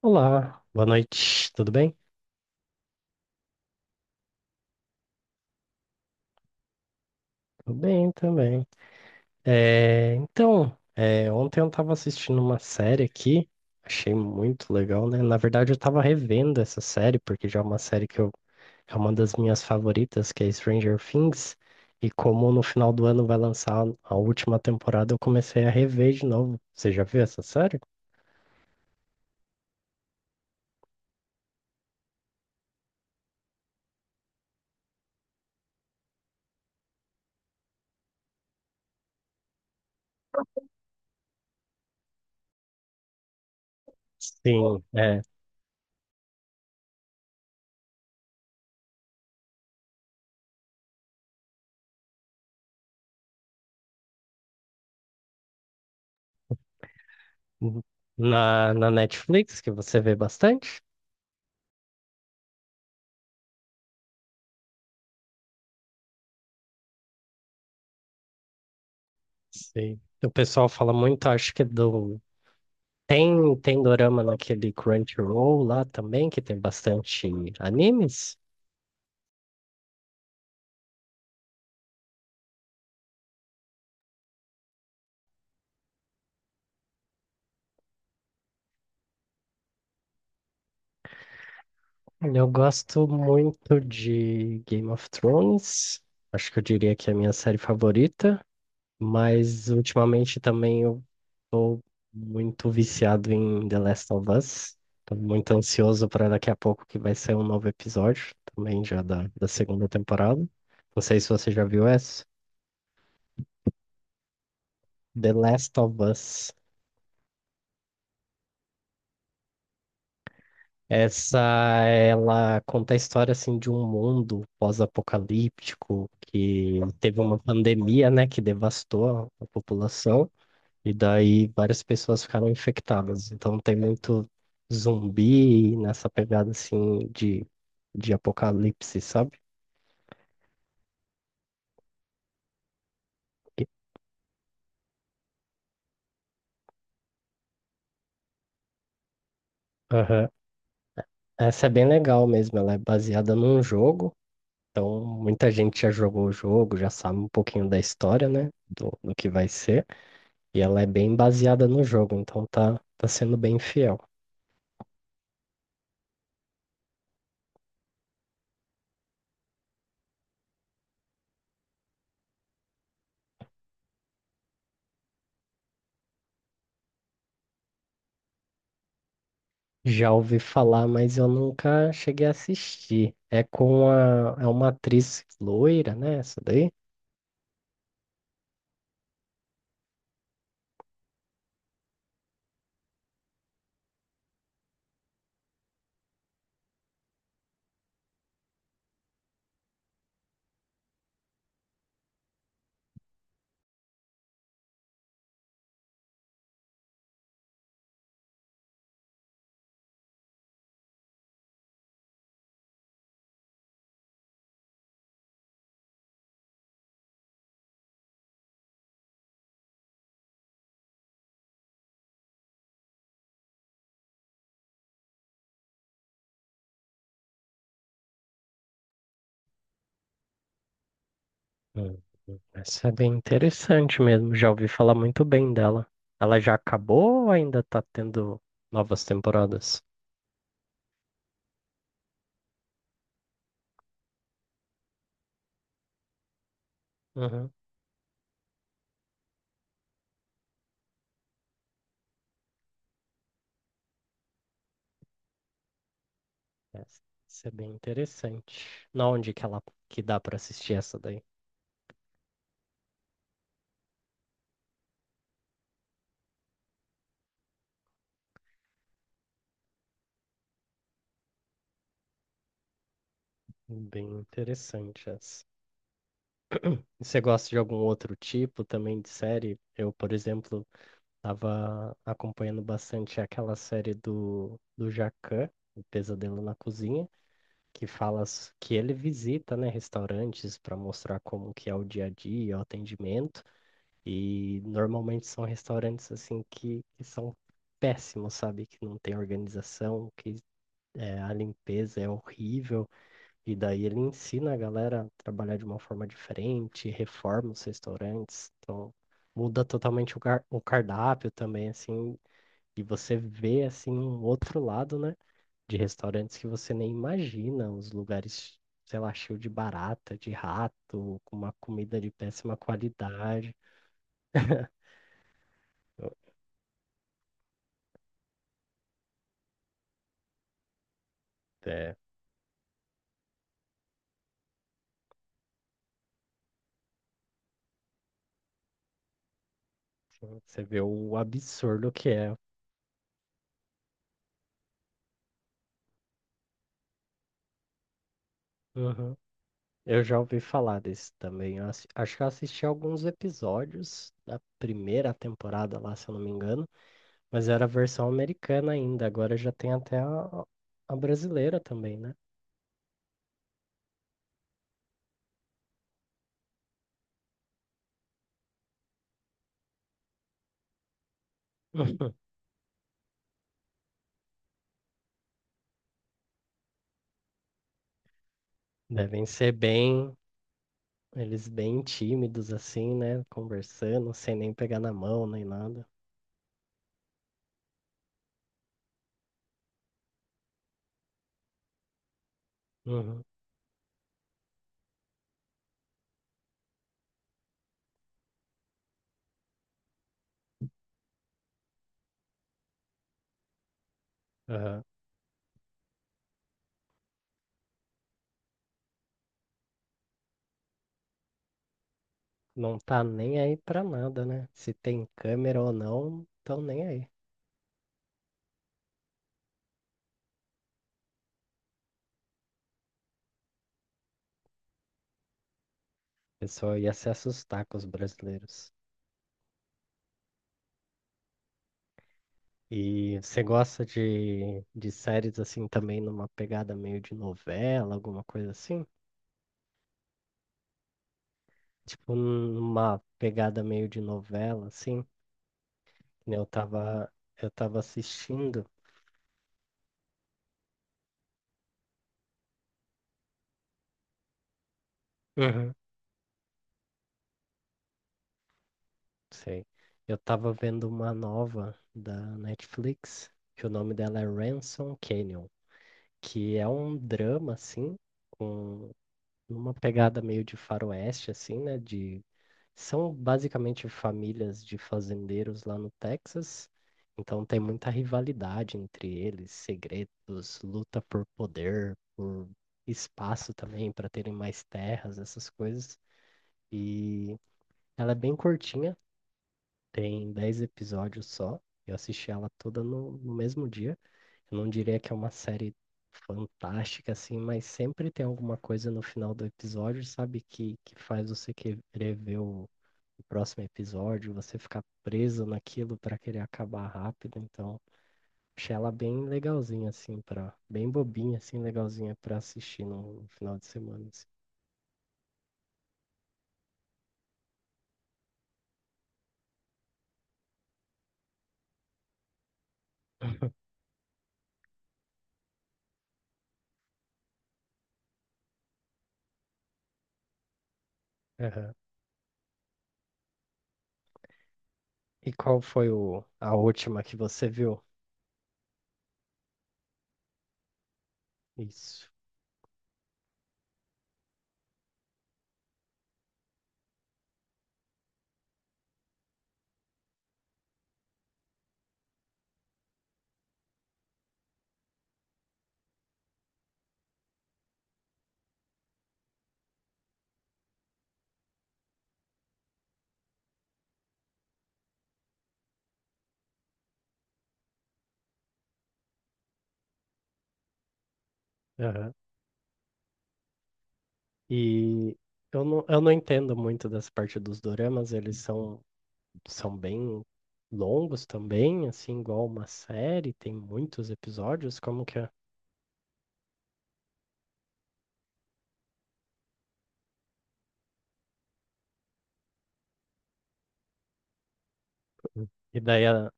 Olá, boa noite, tudo bem? Tudo bem também. Ontem eu estava assistindo uma série aqui, achei muito legal, né? Na verdade, eu estava revendo essa série, porque já é uma série que eu, é uma das minhas favoritas, que é Stranger Things, e como no final do ano vai lançar a última temporada, eu comecei a rever de novo. Você já viu essa série? Sim, é. Na Netflix, que você vê bastante? Sim. O pessoal fala muito, acho que é do... Tem, tem dorama naquele Crunchyroll lá também, que tem bastante animes. Olha, eu gosto muito de Game of Thrones. Acho que eu diria que é a minha série favorita. Mas ultimamente também eu tô muito viciado em The Last of Us. Tô muito ansioso para daqui a pouco que vai sair um novo episódio, também já da segunda temporada. Não sei se você já viu essa. The Last of Us. Essa, ela conta a história, assim, de um mundo pós-apocalíptico que teve uma pandemia, né, que devastou a população e daí várias pessoas ficaram infectadas. Então tem muito zumbi nessa pegada, assim, de apocalipse, sabe? Aham. Essa é bem legal mesmo, ela é baseada num jogo, então muita gente já jogou o jogo, já sabe um pouquinho da história, né, do que vai ser. E ela é bem baseada no jogo, então tá sendo bem fiel. Já ouvi falar, mas eu nunca cheguei a assistir. É uma atriz loira, né? Essa daí? Hum, Essa é bem interessante mesmo. Já ouvi falar muito bem dela. Ela já acabou ou ainda tá tendo novas temporadas? Uhum. Essa, essa é bem interessante. Na onde que ela que dá pra assistir essa daí? Bem interessante essa. E você gosta de algum outro tipo também de série? Eu, por exemplo, estava acompanhando bastante aquela série do Jacquin, O Pesadelo na Cozinha, que que ele visita, né, restaurantes para mostrar como que é o dia a dia, o atendimento, e normalmente são restaurantes assim que são péssimos, sabe? Que não tem organização, que é, a limpeza é horrível. E daí ele ensina a galera a trabalhar de uma forma diferente, reforma os restaurantes, então muda totalmente o cardápio também, assim, e você vê, assim, um outro lado, né, de restaurantes que você nem imagina, os lugares, sei lá, cheio de barata, de rato, com uma comida de péssima qualidade. Eu- É, assim, você vê o absurdo que é. Eu já ouvi falar desse também. Acho que eu assisti alguns episódios da primeira temporada lá, se eu não me engano, mas era a versão americana ainda. Agora já tem até a brasileira também, né? Devem ser bem, eles bem tímidos assim, né? Conversando, sem nem pegar na mão nem nada. Uhum, aham. Não tá nem aí pra nada, né? Se tem câmera ou não, tão nem aí. O pessoal ia se assustar com os brasileiros. E você gosta de séries assim também numa pegada meio de novela, alguma coisa assim? Tipo, numa pegada meio de novela, assim. Que nem eu tava assistindo... Uhum. Sei. Eu tava vendo uma nova da Netflix, que o nome dela é Ransom Canyon, que é um drama, assim, com uma pegada meio de faroeste, assim, né? De... São basicamente famílias de fazendeiros lá no Texas, então tem muita rivalidade entre eles, segredos, luta por poder, por espaço também, para terem mais terras, essas coisas. E ela é bem curtinha, tem 10 episódios só. Eu assisti ela toda no mesmo dia. Eu não diria que é uma série fantástica, assim, mas sempre tem alguma coisa no final do episódio, sabe, que faz você querer ver o próximo episódio, você ficar preso naquilo pra querer acabar rápido. Então, achei ela bem legalzinha, assim, pra, bem bobinha, assim, legalzinha pra assistir no final de semana. Assim. Aham. E qual foi a última que você viu? Isso. Aham. E eu não entendo muito dessa parte dos doramas, eles são, são bem longos também, assim, igual uma série, tem muitos episódios, como que é? Hum. E daí, a-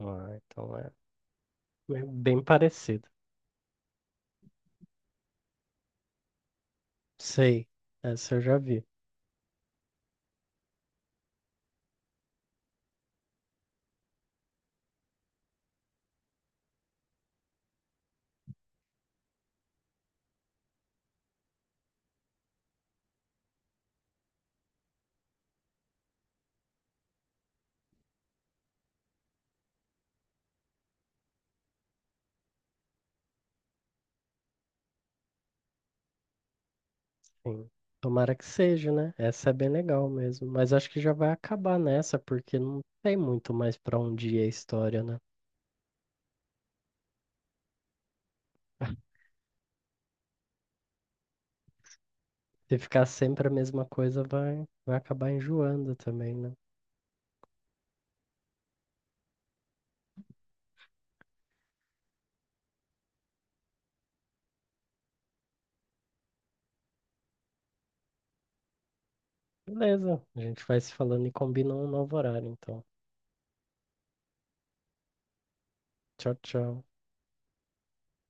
ah, então é... É bem parecido. Sei, essa eu já vi. Sim. Tomara que seja, né? Essa é bem legal mesmo. Mas acho que já vai acabar nessa, porque não tem muito mais pra onde ir a história, né? Se ficar sempre a mesma coisa, vai, vai acabar enjoando também, né? Beleza, a gente vai se falando e combina um novo horário, então. Tchau, tchau.